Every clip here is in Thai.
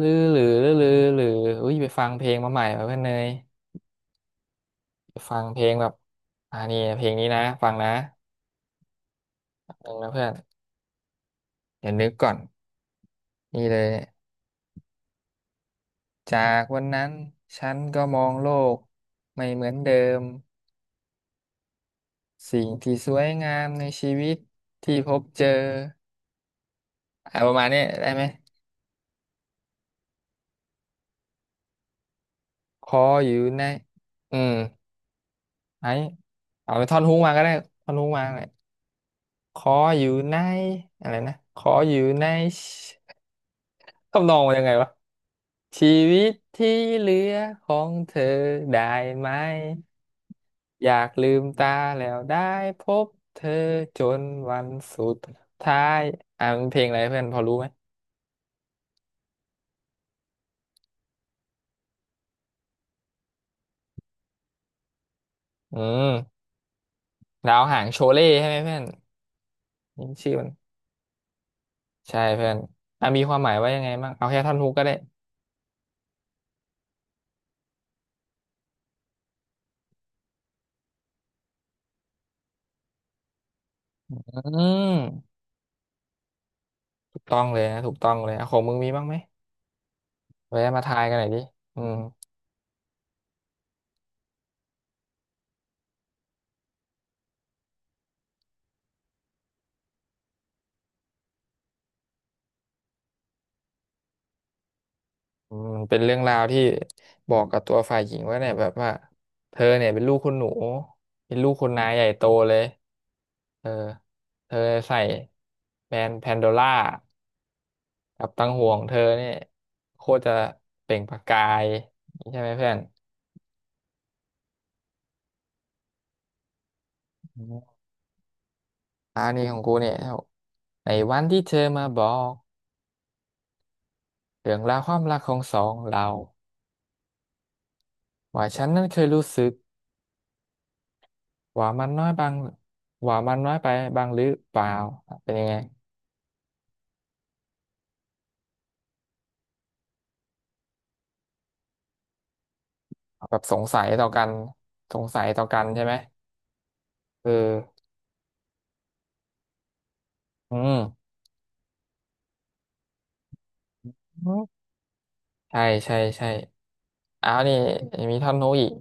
ลือหรือลือลหรืออุ้ยไปฟังเพลงมาใหม่มาเพื่อนเนยไปฟังเพลงแบบอ่านี่เพลงนี้นะฟังนะหนึ่งนะเพื่อนเดี๋ยวนึกก่อนนี่เลยจากวันนั้นฉันก็มองโลกไม่เหมือนเดิมสิ่งที่สวยงามในชีวิตที่พบเจอประมาณนี้ได้ไหมขออยู่ในอืมไอ้เอาไปท่อนฮุกมาก็ได้ท่อนฮุกมาเลยขออยู่ในอะไรนะขออยู่ใน ทำนองมันยังไงวะชีวิตที่เหลือของเธอได้ไหมอยากลืมตาแล้วได้พบเธอจนวันสุดท้ายอ่ะมันเพลงอะไรเพื่อนพอรู้ไหมอืมดาวหางโชเล่ใช่ไหมเพื่อนนี่ชื่อมันใช่เพื่อนอ่ะมีความหมายว่ายังไงบ้างเอาแค่ท่อนฮุกก็ได้อืมถูกต้องเลยนะถูกต้องเลยอ่ะของมึงมีบ้างไหมไว้มาทายกันหน่อยดิอืม อืมเป็นเรื่องราวที่บอกกับตัวฝ่ายหญิงว่าเนี่ยแบบว่าเธอเนี่ยเป็นลูกคุณหนูเป็นลูกคุณนายใหญ่โตเลยเออเธอใส่แบรนด์แพนโดล่ากับตังห่วงเธอเนี่ยโคตรจะเปล่งประกายใช่ไหมเพื่อนอืมอันนี้ของกูเนี่ยในวันที่เธอมาบอกเรื่องราวความรักของสองเราว่าฉันนั้นเคยรู้สึกว่ามันน้อยบางว่ามันน้อยไปบางหรือเปล่าเป็นยังไง แบบสงสัยต่อกันสงสัยต่อกันใช่ไหมเอออืมใช่ใช่ใช่อ้าวนี่มีท่อนโน้อีก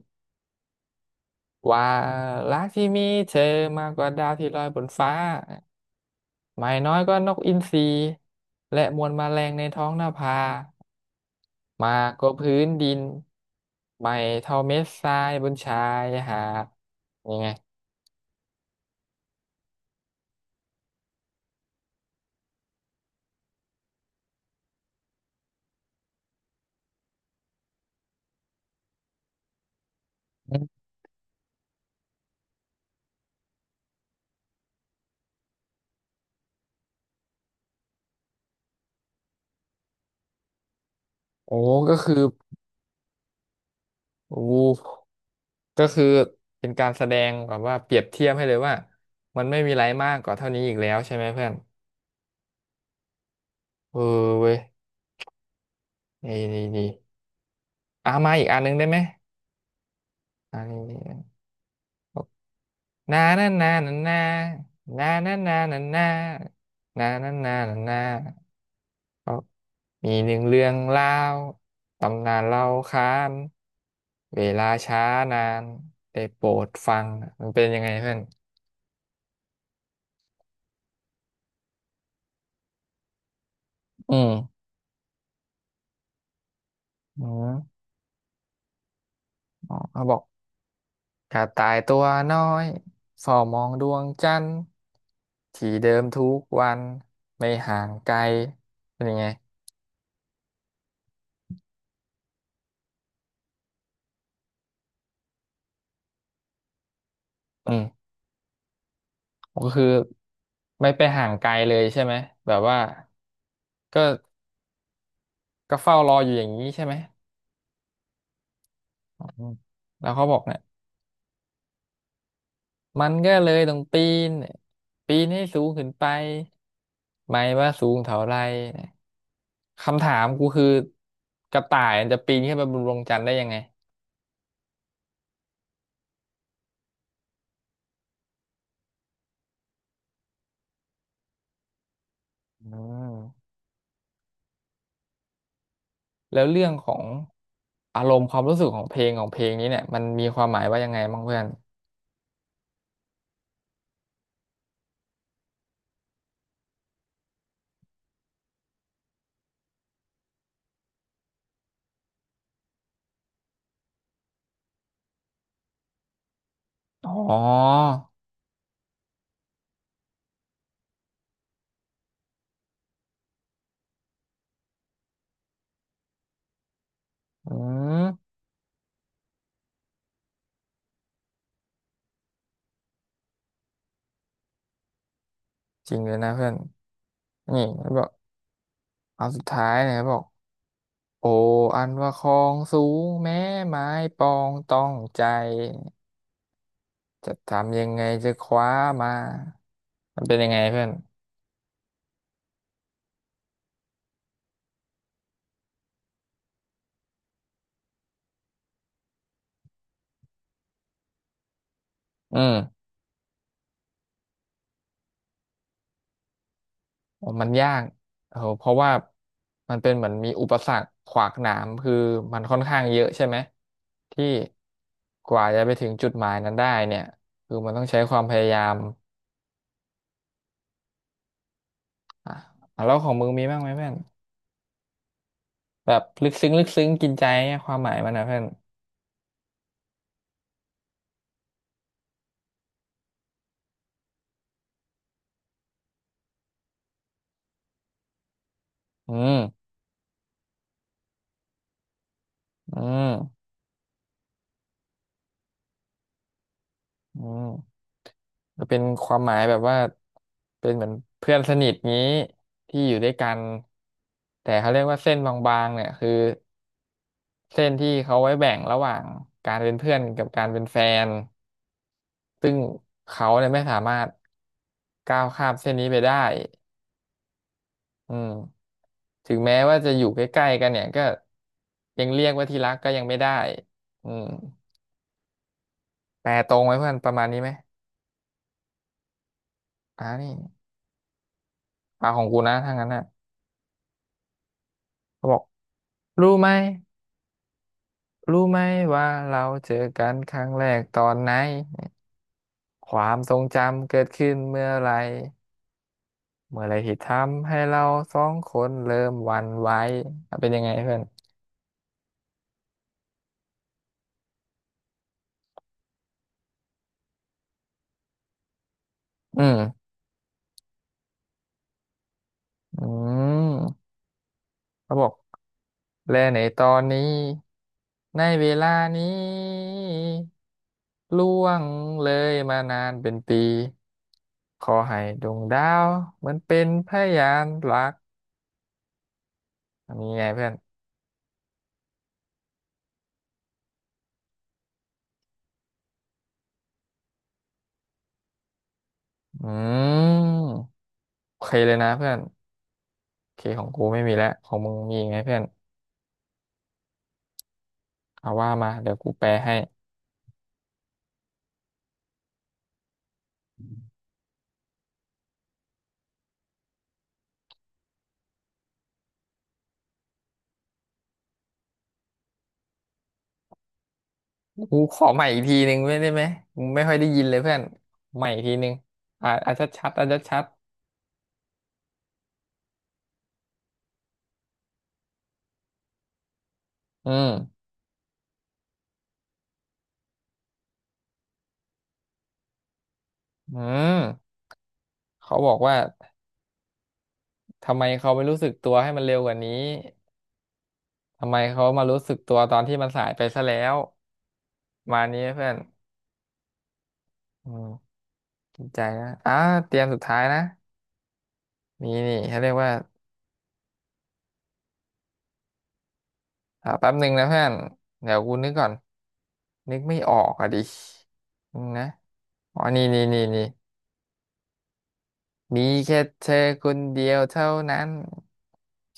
ว่ารักที่มีเธอมากกว่าดาวที่ลอยบนฟ้าไม่น้อยก็นกอินทรีและมวลแมลงในท้องนภามากกว่าพื้นดินไม่เท่าเม็ดทรายบนชายหาดยังไงโอ้ก็คือโอ้ ก็คือเป็นการแสดงแบบว่าเปรียบเทียบให้เลยว่ามันไม่มีอะไรมากกว่าเท่านี้อีกแล้วใช่ไหมเพื่อนเออเว้ยนี่นี่นี่อ่ะมาอีกอันหนึงได้ไหมอันนี้นนานานานานานานานานานานานานานานาก็มีหนึ่งเรื่องเล่าตำนานเล่าค้านเวลาช้านานได้โปรดฟังมันเป็นยังไงเพื่อนอืมอืมอ๋อเขาบอก กระต่ายตัวน้อยเฝ้ามองดวงจันทร์ที่เดิมทุกวันไม่ห่างไกลเป็นยังไงอืมก็คือไม่ไปห่างไกลเลยใช่ไหมแบบว่าก็ก็เฝ้ารออยู่อย่างนี้ใช่ไหมอืมแล้วเขาบอกเนี่ยมันก็เลยต้องปีนปีนให้สูงขึ้นไปไม่ว่าสูงเท่าไรคำถามกูคือกระต่ายมันจะปีนขึ้นไปบนดวงจันทร์ได้ยังไงอืม แล้วเรื่องของอารมณ์ความรู้สึกของเพลงของเพลงนี้เนี่ยมันมีความหมายว่ายังไงบ้างเพื่อนอ๋ออืมจริงเลยนะเพื่อนนี่เขาบอกเอาสุดท้ายนะครับบอกโออันว่าคลองสูงแม้ไม้ปองต้องใจจะทำยังไงจะคว้ามามันเป็นยังไงเพื่อนอืม อ๋อมันยากเออเพราะว่ามันเป็นเหมือนมีอุปสรรคขวากหนามคือมันค่อนข้างเยอะใช่ไหมที่กว่าจะไปถึงจุดหมายนั้นได้เนี่ยคือมันต้องใช้ความพยายามอ่ะอ่ะแล้วของมึงมีบ้างไหมเพื่อนแบบลึกซึ้งลึกซึ้งกินใจเนี่ยความหมายมันนะเพื่อนอืมอืมอืมจะเป็นความหมายแบบว่าเป็นเหมือนเพื่อนสนิทงี้ที่อยู่ด้วยกันแต่เขาเรียกว่าเส้นบางๆเนี่ยคือ เส้นที่เขาไว้แบ่งระหว่างการเป็นเพื่อนกับการเป็นแฟนซึ่งเขาเนี่ยไม่สามารถก้าวข้ามเส้นนี้ไปได้อืมถึงแม้ว่าจะอยู่ใกล้ๆกันเนี่ยก็ยังเรียกว่าที่รักก็ยังไม่ได้อืมแปลตรงไว้เพื่อนประมาณนี้ไหมอ่านี่ปากของกูนะถ้างั้นน่ะเขาบอกรู้ไหมรู้ไหมว่าเราเจอกันครั้งแรกตอนไหนความทรงจำเกิดขึ้นเมื่อไหร เมื่อไหรที่ทำให้เราสองคนเริ่มหวั่นไหวอ่ะเป็นยังไงเพื่อนอืมอืมเขาบอกและในตอนนี้ในเวลานี้ล่วงเลยมานานเป็นปีขอให้ดวงดาวเหมือนเป็นพยานรักอันนี้ไงเพื่อนอืมโอเคเลยนะเพื่อนโอเคของกูไม่มีแล้วของมึงมีอีกไหมเพื่อนเอาว่ามาเดี๋ยวกูแปลให้ กูขอใหม่อีกทีหนึ่งไม่ได้ไหมกูไม่ค่อยได้ยินเลยเพื่อนใหม่อีกทีหนึ่งอ่าชัดชัดชัดชัดๆอืมอืมเขาบอกว่าทำไมเขาไม่รู้สึกตัวให้มันเร็วกว่านี้ทำไมเขามารู้สึกตัวตอนที่มันสายไปซะแล้วมานี้เพื่อนอืมจริงใจนะอ่าเตรียมสุดท้ายนะมีนี่เขาเรียกว่าแป๊บหนึ่งนะเพื่อนเดี๋ยวกูนึกก่อนนึกไม่ออกอ่ะดิอืมนะอ๋อนี่นี่นี่นี่ มีแค่เธอคนเดียวเท่านั้น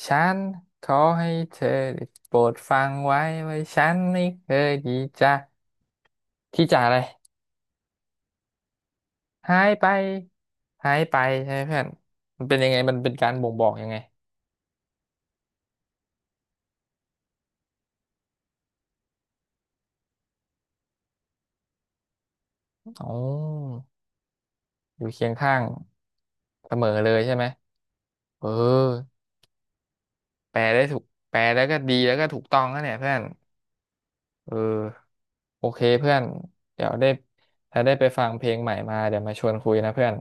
ฉันขอให้เธอได้โปรดฟังไว้ว่าฉันไม่เคยที่จะอะไรหายไปหายไปใช่ไหมเพื่อนมันเป็นยังไงมันเป็นการบ่งบอกยังไงอ๋ออยู่เคียงข้างเสมอเลยใช่ไหมเออแปลได้ถูกแปลแล้วก็ดีแล้วก็ถูกต้องนะเนี่ยเพื่อนเออโอเคเพื่อนเดี๋ยวได้ถ้าได้ไปฟังเพลงใหม่มาเดี๋ยวมาชวนคุยนะเพื่อน